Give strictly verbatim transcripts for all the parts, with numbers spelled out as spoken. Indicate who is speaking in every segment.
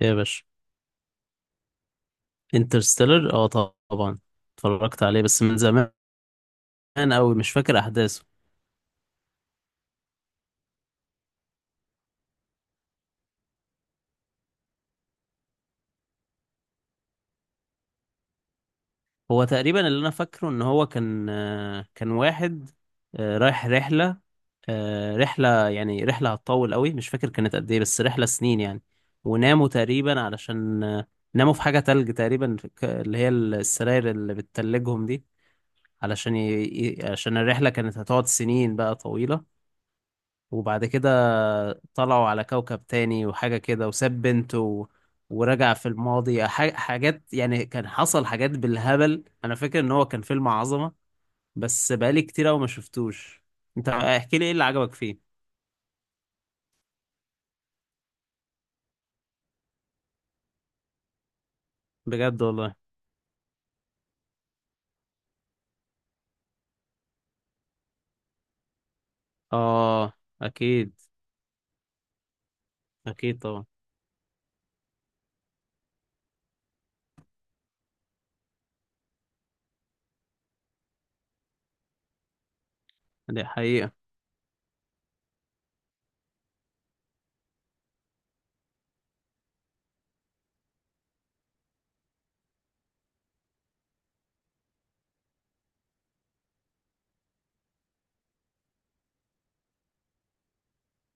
Speaker 1: يا باشا، انترستيلر اه، طبعا. اتفرجت عليه بس من زمان قوي، مش فاكر احداثه. هو تقريبا اللي انا فاكره ان هو كان آه، كان واحد آه، رايح رحله، آه، رحله، يعني رحله هتطول قوي، مش فاكر كانت قد ايه، بس رحله سنين يعني. وناموا تقريبا علشان آه، ناموا في حاجه تلج تقريبا في ك- اللي هي السراير اللي بتتلجهم دي، علشان ي... ي- عشان الرحله كانت هتقعد سنين بقى طويله. وبعد كده طلعوا على كوكب تاني وحاجة كده، وساب بنته و... ورجع في الماضي، ح- حاجات يعني، كان حصل حاجات بالهبل. انا فاكر ان هو كان فيلم عظمة، بس بقالي كتير قوي ما شفتوش. انت احكي لي ايه اللي عجبك فيه. بجد والله؟ اه، اكيد. اكيد طبعا. دي حقيقة.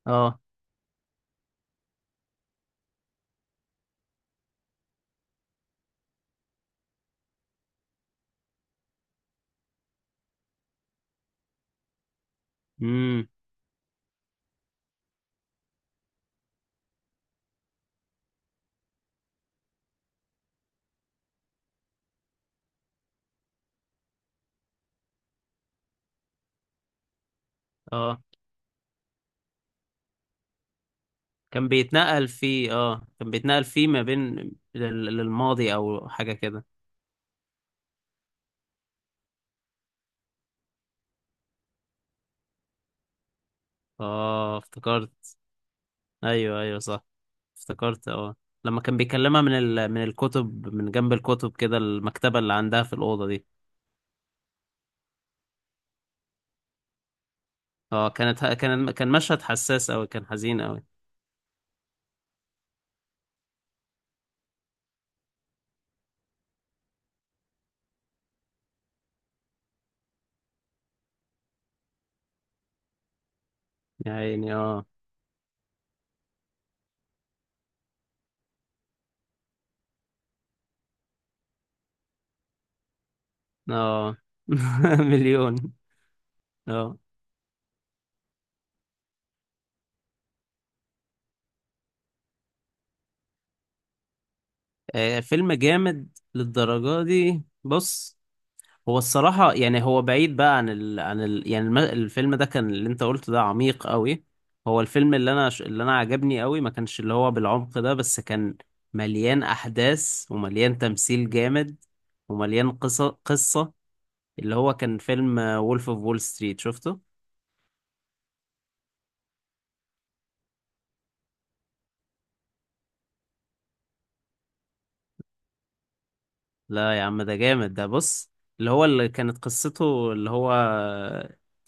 Speaker 1: اه. امم. اه كان بيتنقل فيه، اه كان بيتنقل فيه ما بين لل- للماضي او حاجة كده. اه افتكرت. ايوه ايوه صح، افتكرت اه. لما كان بيكلمها من ال... من الكتب، من جنب الكتب كده، المكتبة اللي عندها في الأوضة دي. اه، كانت كان كان مشهد حساس أوي، كان حزين أوي. يا عيني اه. اه مليون. اه، آه، فيلم جامد للدرجة دي؟ بص، هو الصراحة يعني هو بعيد بقى عن ال... عن ال... يعني الم... الفيلم ده كان، اللي انت قلته ده عميق قوي. هو الفيلم اللي انا، اللي انا عجبني قوي، ما كانش اللي هو بالعمق ده، بس كان مليان احداث ومليان تمثيل جامد، ومليان قصة قصة. اللي هو كان فيلم وولف اوف وول ستريت، شفته؟ لا يا عم، ده جامد ده، بص. اللي هو اللي كانت قصته، اللي هو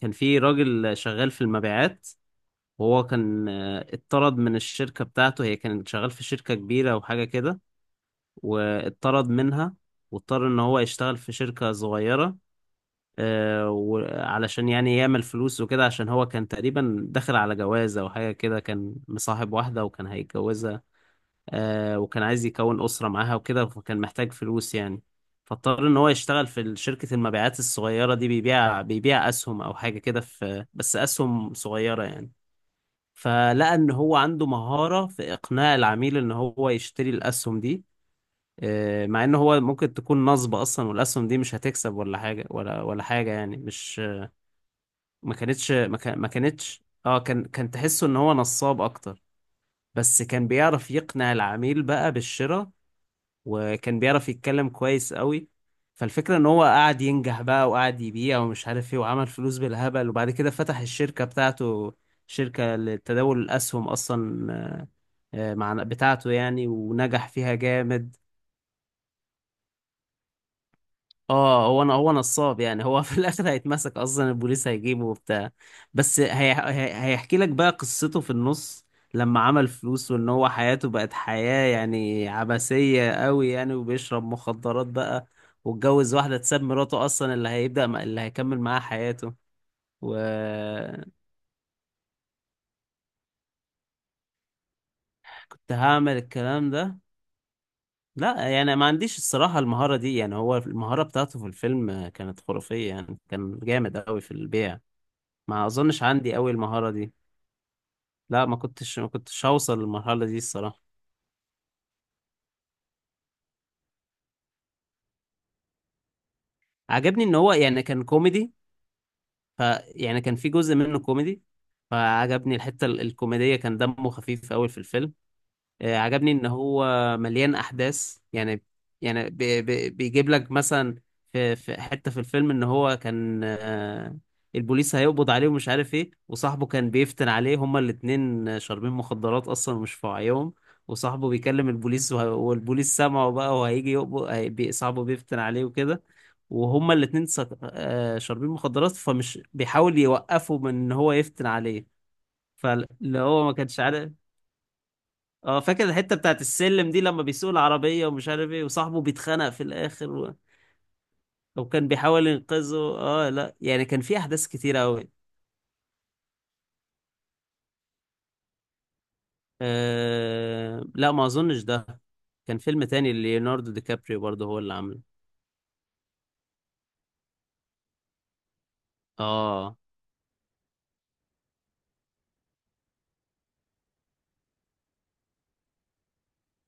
Speaker 1: كان فيه راجل شغال في المبيعات، وهو كان آه، اتطرد من الشركة بتاعته، هي كانت شغال في شركة كبيرة وحاجة كده، واتطرد منها. واضطر ان هو يشتغل في شركة صغيرة، آه، وعلشان يعني يعمل فلوس وكده، عشان هو كان تقريبا داخل على جوازة او حاجة كده، كان مصاحب واحدة وكان هيتجوزها. آه، وكان عايز يكون أسرة معاها وكده، فكان محتاج فلوس يعني. فاضطر ان هو يشتغل في شركة المبيعات الصغيرة دي، بيبيع بيبيع اسهم او حاجة كده، في بس اسهم صغيرة يعني. فلقى ان هو عنده مهارة في اقناع العميل ان هو يشتري الاسهم دي، آه، مع ان هو ممكن تكون نصبة اصلا، والاسهم دي مش هتكسب ولا حاجة، ولا ولا حاجة يعني. مش ما كانتش ما كان- ما كانتش اه كان كان تحسه ان هو نصاب اكتر، بس كان بيعرف يقنع العميل بقى بالشراء. وكان بيعرف يتكلم كويس قوي. فالفكرة ان هو قعد ينجح بقى، وقعد يبيع ومش عارف ايه، وعمل فلوس بالهبل. وبعد كده فتح الشركة بتاعته، شركة لتداول الاسهم اصلا. آه، آه، مع بتاعته يعني، ونجح فيها جامد. اه، هو انا هو نصاب يعني، هو في الاخر هيتمسك اصلا، البوليس هيجيبه وبتاع. بس هي... هي... هيحكي لك بقى قصته في النص، لما عمل فلوس، وان هو حياته بقت حياة يعني عبثية قوي يعني، وبيشرب مخدرات بقى، واتجوز واحدة، تساب مراته اصلا، اللي هيبدأ اللي هيكمل معاها حياته. وكنت هعمل الكلام ده، لا يعني ما عنديش الصراحة المهارة دي يعني. هو المهارة بتاعته في الفيلم آه، كانت خرافية يعني، كان جامد قوي في البيع. ما اظنش عندي قوي المهارة دي. لا ما كنتش ما كنتش هوصل للمرحلة دي الصراحة. عجبني ان هو يعني كان كوميدي. ف يعني كان في جزء منه كوميدي. فعجبني الحتة ال- الكوميدية، كان دمه خفيف قوي في الفيلم. آه، عجبني ان هو مليان احداث يعني. يعني بي- بي- بيجيب لك مثلا، في في حته في الفيلم ان هو كان، آه، البوليس هيقبض عليه ومش عارف ايه، وصاحبه كان بيفتن عليه، هما الاتنين شاربين مخدرات اصلا ومش في وعيهم. وصاحبه بيكلم البوليس، وه- والبوليس سامعه بقى، وهيجي يقبض، هي- بي- صاحبه بيفتن عليه وكده. وهما الاتنين سك- آه، شاربين مخدرات، فمش بيحاول يوقفه من ان هو يفتن عليه. فاللي هو ما كانش عارف. اه فاكر الحتة بتاعت السلم دي، لما بيسوق العربية ومش عارف ايه، وصاحبه بيتخانق في الآخر و... أو كان بيحاول ينقذه، اه لا يعني كان في أحداث كتيرة أوي. آه... لا ما أظنش ده. كان فيلم تاني ليوناردو دي كابريو برضه هو اللي عامله. اه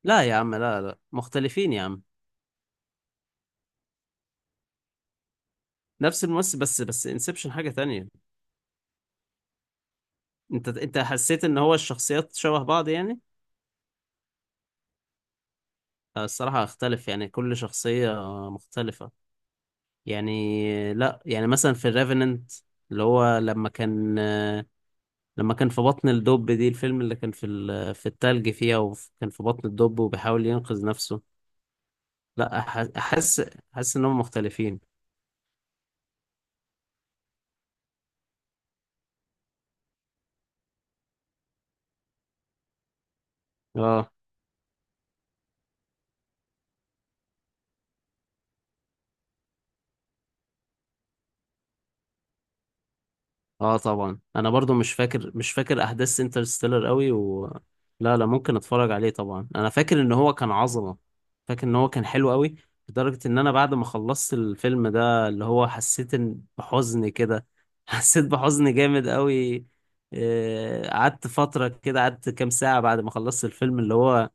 Speaker 1: لا يا عم، لا لا مختلفين يا عم. نفس الممثل، بس بس انسبشن حاجة تانية. انت انت حسيت ان هو الشخصيات شبه بعض يعني؟ آه، الصراحة اختلف يعني، كل شخصية مختلفة يعني. لا يعني مثلا في الريفننت، اللي هو لما كان، لما كان في بطن الدب دي، الفيلم اللي كان في ال- في التلج فيها، وكان في بطن الدب وبيحاول ينقذ نفسه. لا أح- احس، احس انهم مختلفين. اه اه طبعا، انا برضو مش فاكر، مش فاكر احداث انترستيلر قوي، و لا لا ممكن اتفرج عليه طبعا. انا فاكر ان هو كان عظمة، فاكر ان هو كان حلو قوي، لدرجة ان انا بعد ما خلصت الفيلم ده اللي هو حسيت إن- بحزن كده حسيت بحزن جامد قوي. آه، قعدت فترة كده، قعدت كام ساعة بعد ما خلصت الفيلم، اللي هو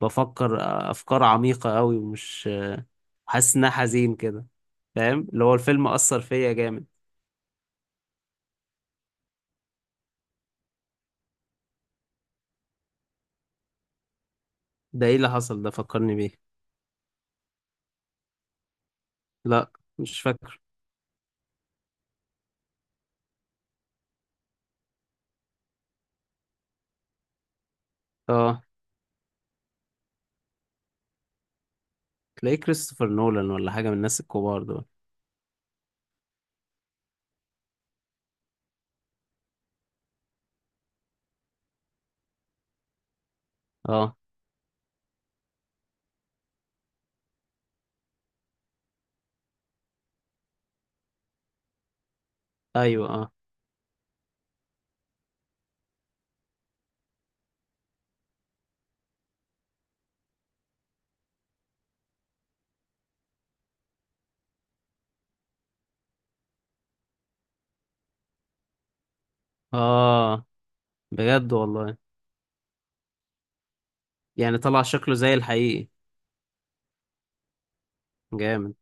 Speaker 1: بفكر آه، افكار عميقة قوي، ومش آه، حاسس انها حزين كده. فاهم؟ اللي هو الفيلم اثر فيا جامد. ده ايه اللي حصل ده؟ فكرني بيه. لا مش فاكر. اه تلاقيه كريستوفر نولان ولا حاجة من الناس الكبار دول. اه ايوه اه اه. بجد والله؟ يعني طلع شكله زي الحقيقي. جامد.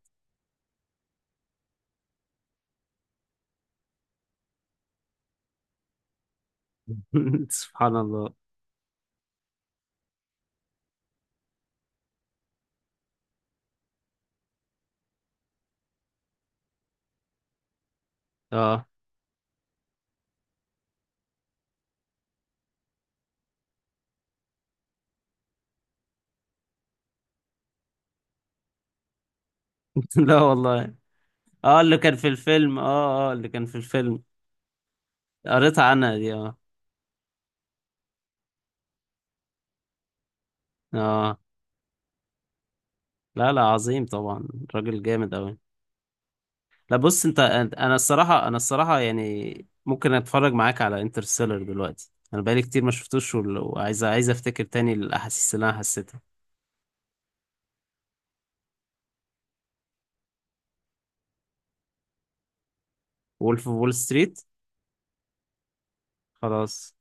Speaker 1: سبحان الله. اه لا والله. اه اللي كان في الفيلم، اه اه اللي كان في الفيلم، قريت عنها دي اه. اه لا لا، عظيم طبعا، راجل جامد اوي. لا بص، انت انت- انا الصراحه، انا الصراحه يعني ممكن اتفرج معاك على انترستيلر دلوقتي، انا بقالي كتير ما شفتوش، وال- وعايز، عايز افتكر تاني الاحاسيس اللي انا حسيتها. وولف اوف وول ستريت. خلاص.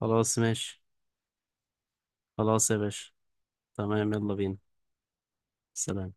Speaker 1: خلاص ماشي. خلاص يا باشا. تمام، يلا بينا. سلام.